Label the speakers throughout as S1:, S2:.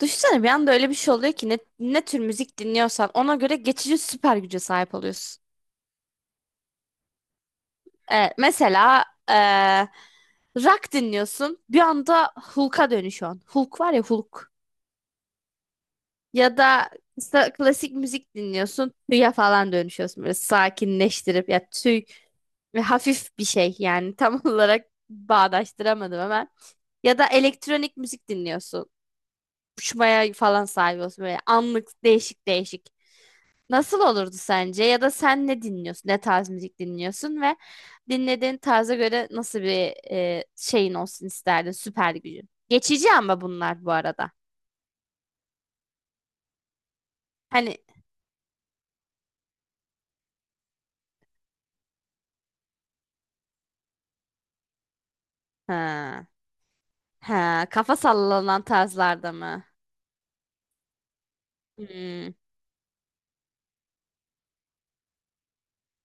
S1: Düşünsene bir anda öyle bir şey oluyor ki ne tür müzik dinliyorsan ona göre geçici süper güce sahip oluyorsun. Evet, mesela rock dinliyorsun bir anda Hulk'a dönüşüyorsun. Hulk var ya Hulk. Ya da klasik müzik dinliyorsun tüye falan dönüşüyorsun böyle sakinleştirip ya tüy ve hafif bir şey yani tam olarak bağdaştıramadım hemen. Ya da elektronik müzik dinliyorsun. Uçmaya falan sahip olsun böyle anlık değişik değişik. Nasıl olurdu sence? Ya da sen ne dinliyorsun? Ne tarz müzik dinliyorsun ve dinlediğin tarza göre nasıl bir şeyin olsun isterdin? Süper gücün. Geçici ama bunlar bu arada. Hani ha, ha, kafa sallanan tarzlarda mı? Hmm.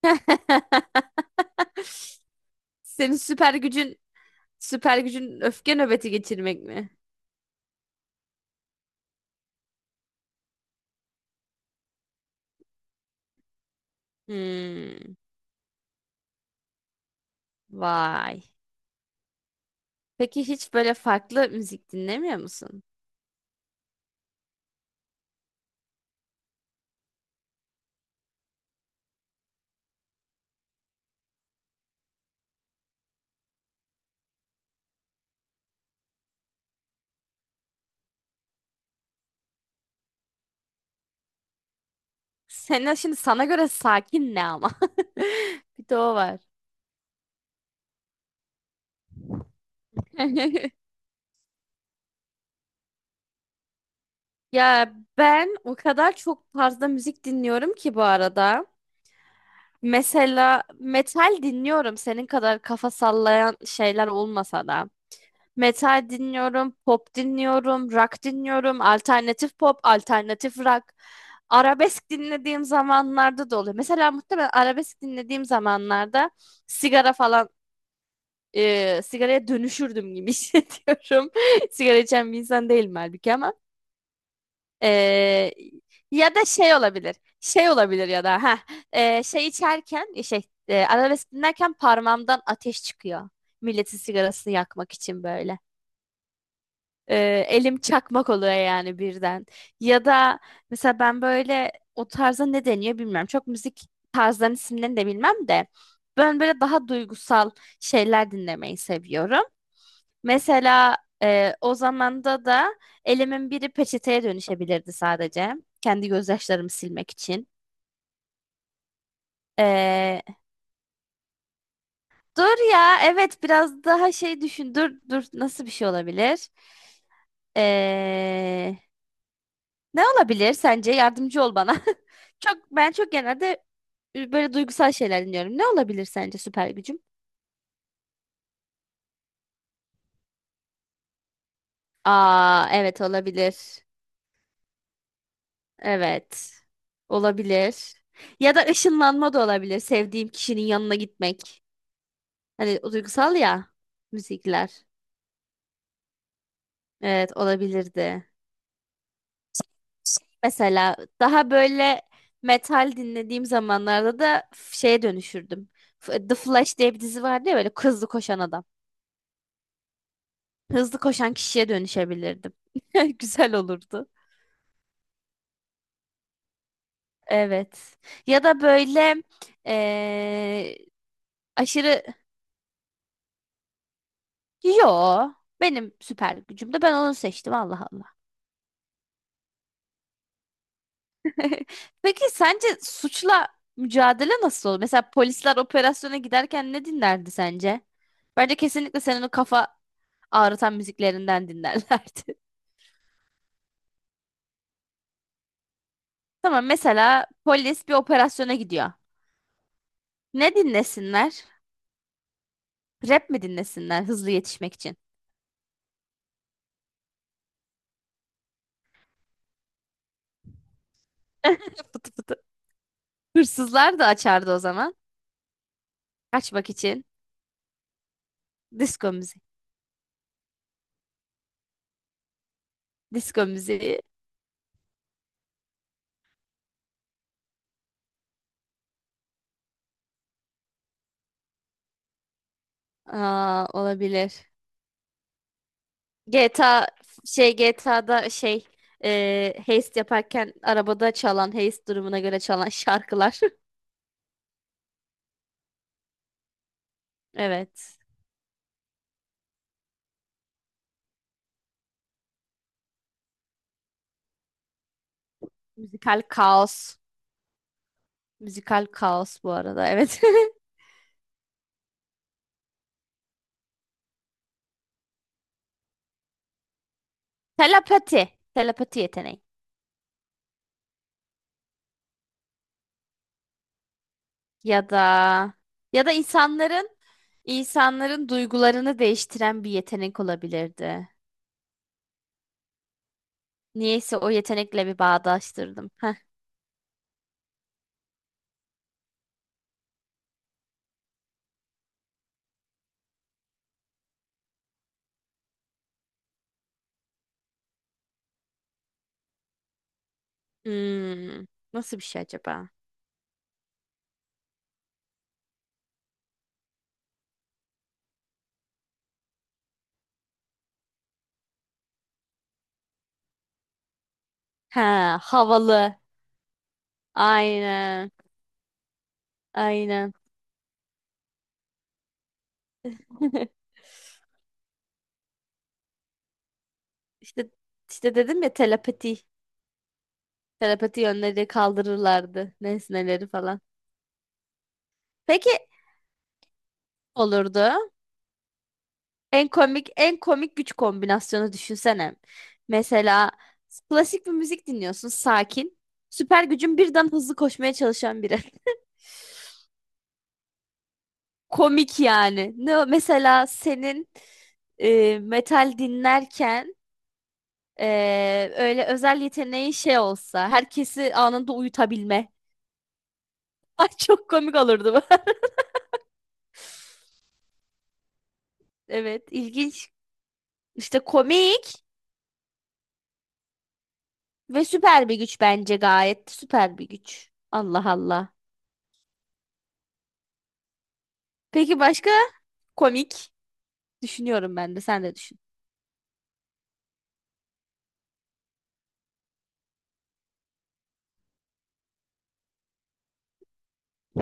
S1: Senin süper gücün süper gücün öfke nöbeti geçirmek mi? Hmm. Vay. Peki hiç böyle farklı müzik dinlemiyor musun? Senin şimdi sana göre sakin ne ama? Bir de o var. Ya ben o kadar çok fazla müzik dinliyorum ki bu arada. Mesela metal dinliyorum senin kadar kafa sallayan şeyler olmasa da. Metal dinliyorum, pop dinliyorum, rock dinliyorum, alternatif pop, alternatif rock. Arabesk dinlediğim zamanlarda da oluyor. Mesela muhtemelen arabesk dinlediğim zamanlarda sigara falan sigaraya dönüşürdüm gibi hissediyorum. Sigara içen bir insan değilim halbuki ama. Ee, ya da şey olabilir. Şey olabilir ya da ha şey içerken şey arabesk dinlerken parmağımdan ateş çıkıyor. Milletin sigarasını yakmak için böyle. Elim çakmak oluyor yani birden. Ya da mesela ben böyle o tarza ne deniyor bilmiyorum. Çok müzik tarzlarının isimlerini de bilmem de ben böyle daha duygusal şeyler dinlemeyi seviyorum. Mesela o zamanda da elimin biri peçeteye dönüşebilirdi sadece. Kendi gözyaşlarımı silmek için. E, dur ya evet biraz daha şey düşün. Dur dur nasıl bir şey olabilir? E, ne olabilir sence? Yardımcı ol bana. Ben çok genelde böyle duygusal şeyler dinliyorum. Ne olabilir sence süper gücüm? Aa evet olabilir. Evet. Olabilir. Ya da ışınlanma da olabilir. Sevdiğim kişinin yanına gitmek. Hani o duygusal ya müzikler. Evet olabilirdi. Mesela daha böyle metal dinlediğim zamanlarda da şeye dönüşürdüm. The Flash diye bir dizi vardı ya böyle hızlı koşan adam. Hızlı koşan kişiye dönüşebilirdim. Güzel olurdu. Evet. Ya da böyle eee, aşırı Yo. Benim süper gücüm de ben onu seçtim Allah Allah. Peki sence suçla mücadele nasıl olur? Mesela polisler operasyona giderken ne dinlerdi sence? Bence kesinlikle senin o kafa ağrıtan müziklerinden dinlerlerdi. Tamam mesela polis bir operasyona gidiyor. Ne dinlesinler? Rap mi dinlesinler hızlı yetişmek için? Fıtı fıtı. Hırsızlar da açardı o zaman. Kaçmak için. Disko müziği. Disko müziği. Aa, olabilir. GTA şey GTA'da şey heist yaparken arabada çalan heist durumuna göre çalan şarkılar. Evet. Müzikal kaos. Müzikal kaos bu arada. Evet. Telepati. Telepati yeteneği. Ya da ya da insanların duygularını değiştiren bir yetenek olabilirdi. Niyeyse o yetenekle bir bağdaştırdım. Heh. Hmm. Nasıl bir şey acaba? Ha, havalı. Aynen. Aynen. İşte işte dedim ya telepati. Telepati yönleri kaldırırlardı. Nesneleri falan. Peki olurdu. En komik en komik güç kombinasyonu düşünsene. Mesela klasik bir müzik dinliyorsun sakin. Süper gücün birden hızlı koşmaya çalışan biri. Komik yani. Mesela senin metal dinlerken öyle özel yeteneği şey olsa herkesi anında uyutabilme. Ay çok komik olurdu bu. Evet, ilginç. İşte komik ve süper bir güç bence gayet süper bir güç. Allah Allah. Peki başka komik düşünüyorum ben de sen de düşün.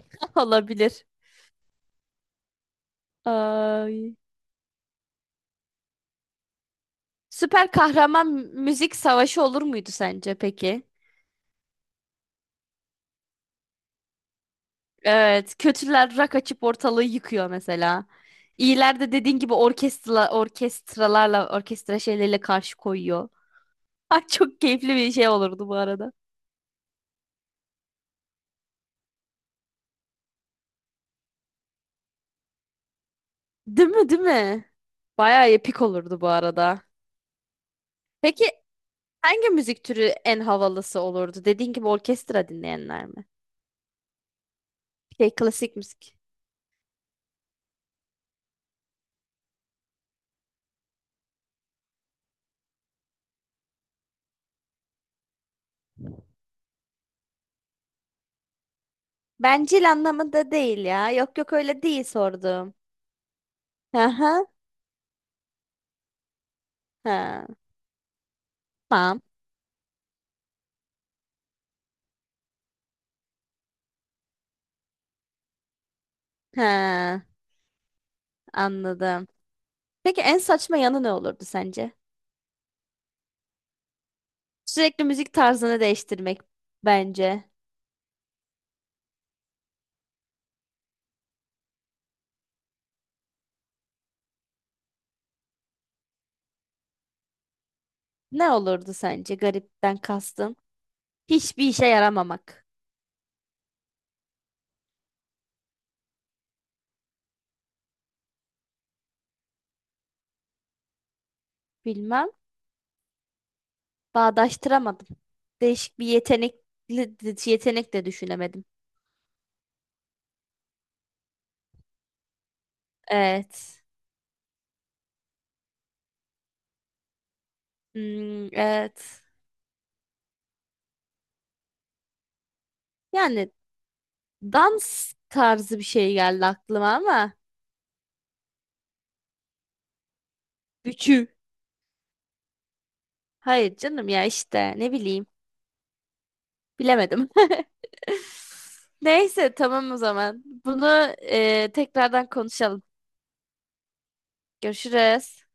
S1: Olabilir. Ay. Süper kahraman müzik savaşı olur muydu sence peki? Evet, kötüler rak açıp ortalığı yıkıyor mesela. İyiler de dediğin gibi orkestralarla orkestra şeyleriyle karşı koyuyor. Ay çok keyifli bir şey olurdu bu arada. Değil mi, değil mi? Bayağı epik olurdu bu arada. Peki hangi müzik türü en havalısı olurdu? Dediğin gibi orkestra dinleyenler mi? Şey klasik müzik. Bencil anlamında değil ya. Yok yok öyle değil sordum. Aha, ha, tamam. Ha, anladım. Peki en saçma yanı ne olurdu sence? Sürekli müzik tarzını değiştirmek bence. Ne olurdu sence garipten kastın? Hiçbir işe yaramamak. Bilmem. Bağdaştıramadım. Değişik bir yetenekli, yetenek de düşünemedim. Evet. Hmm, evet. Yani dans tarzı bir şey geldi aklıma ama. Üçü. Hayır canım ya işte ne bileyim. Bilemedim. Neyse tamam o zaman. Bunu tekrardan konuşalım. Görüşürüz.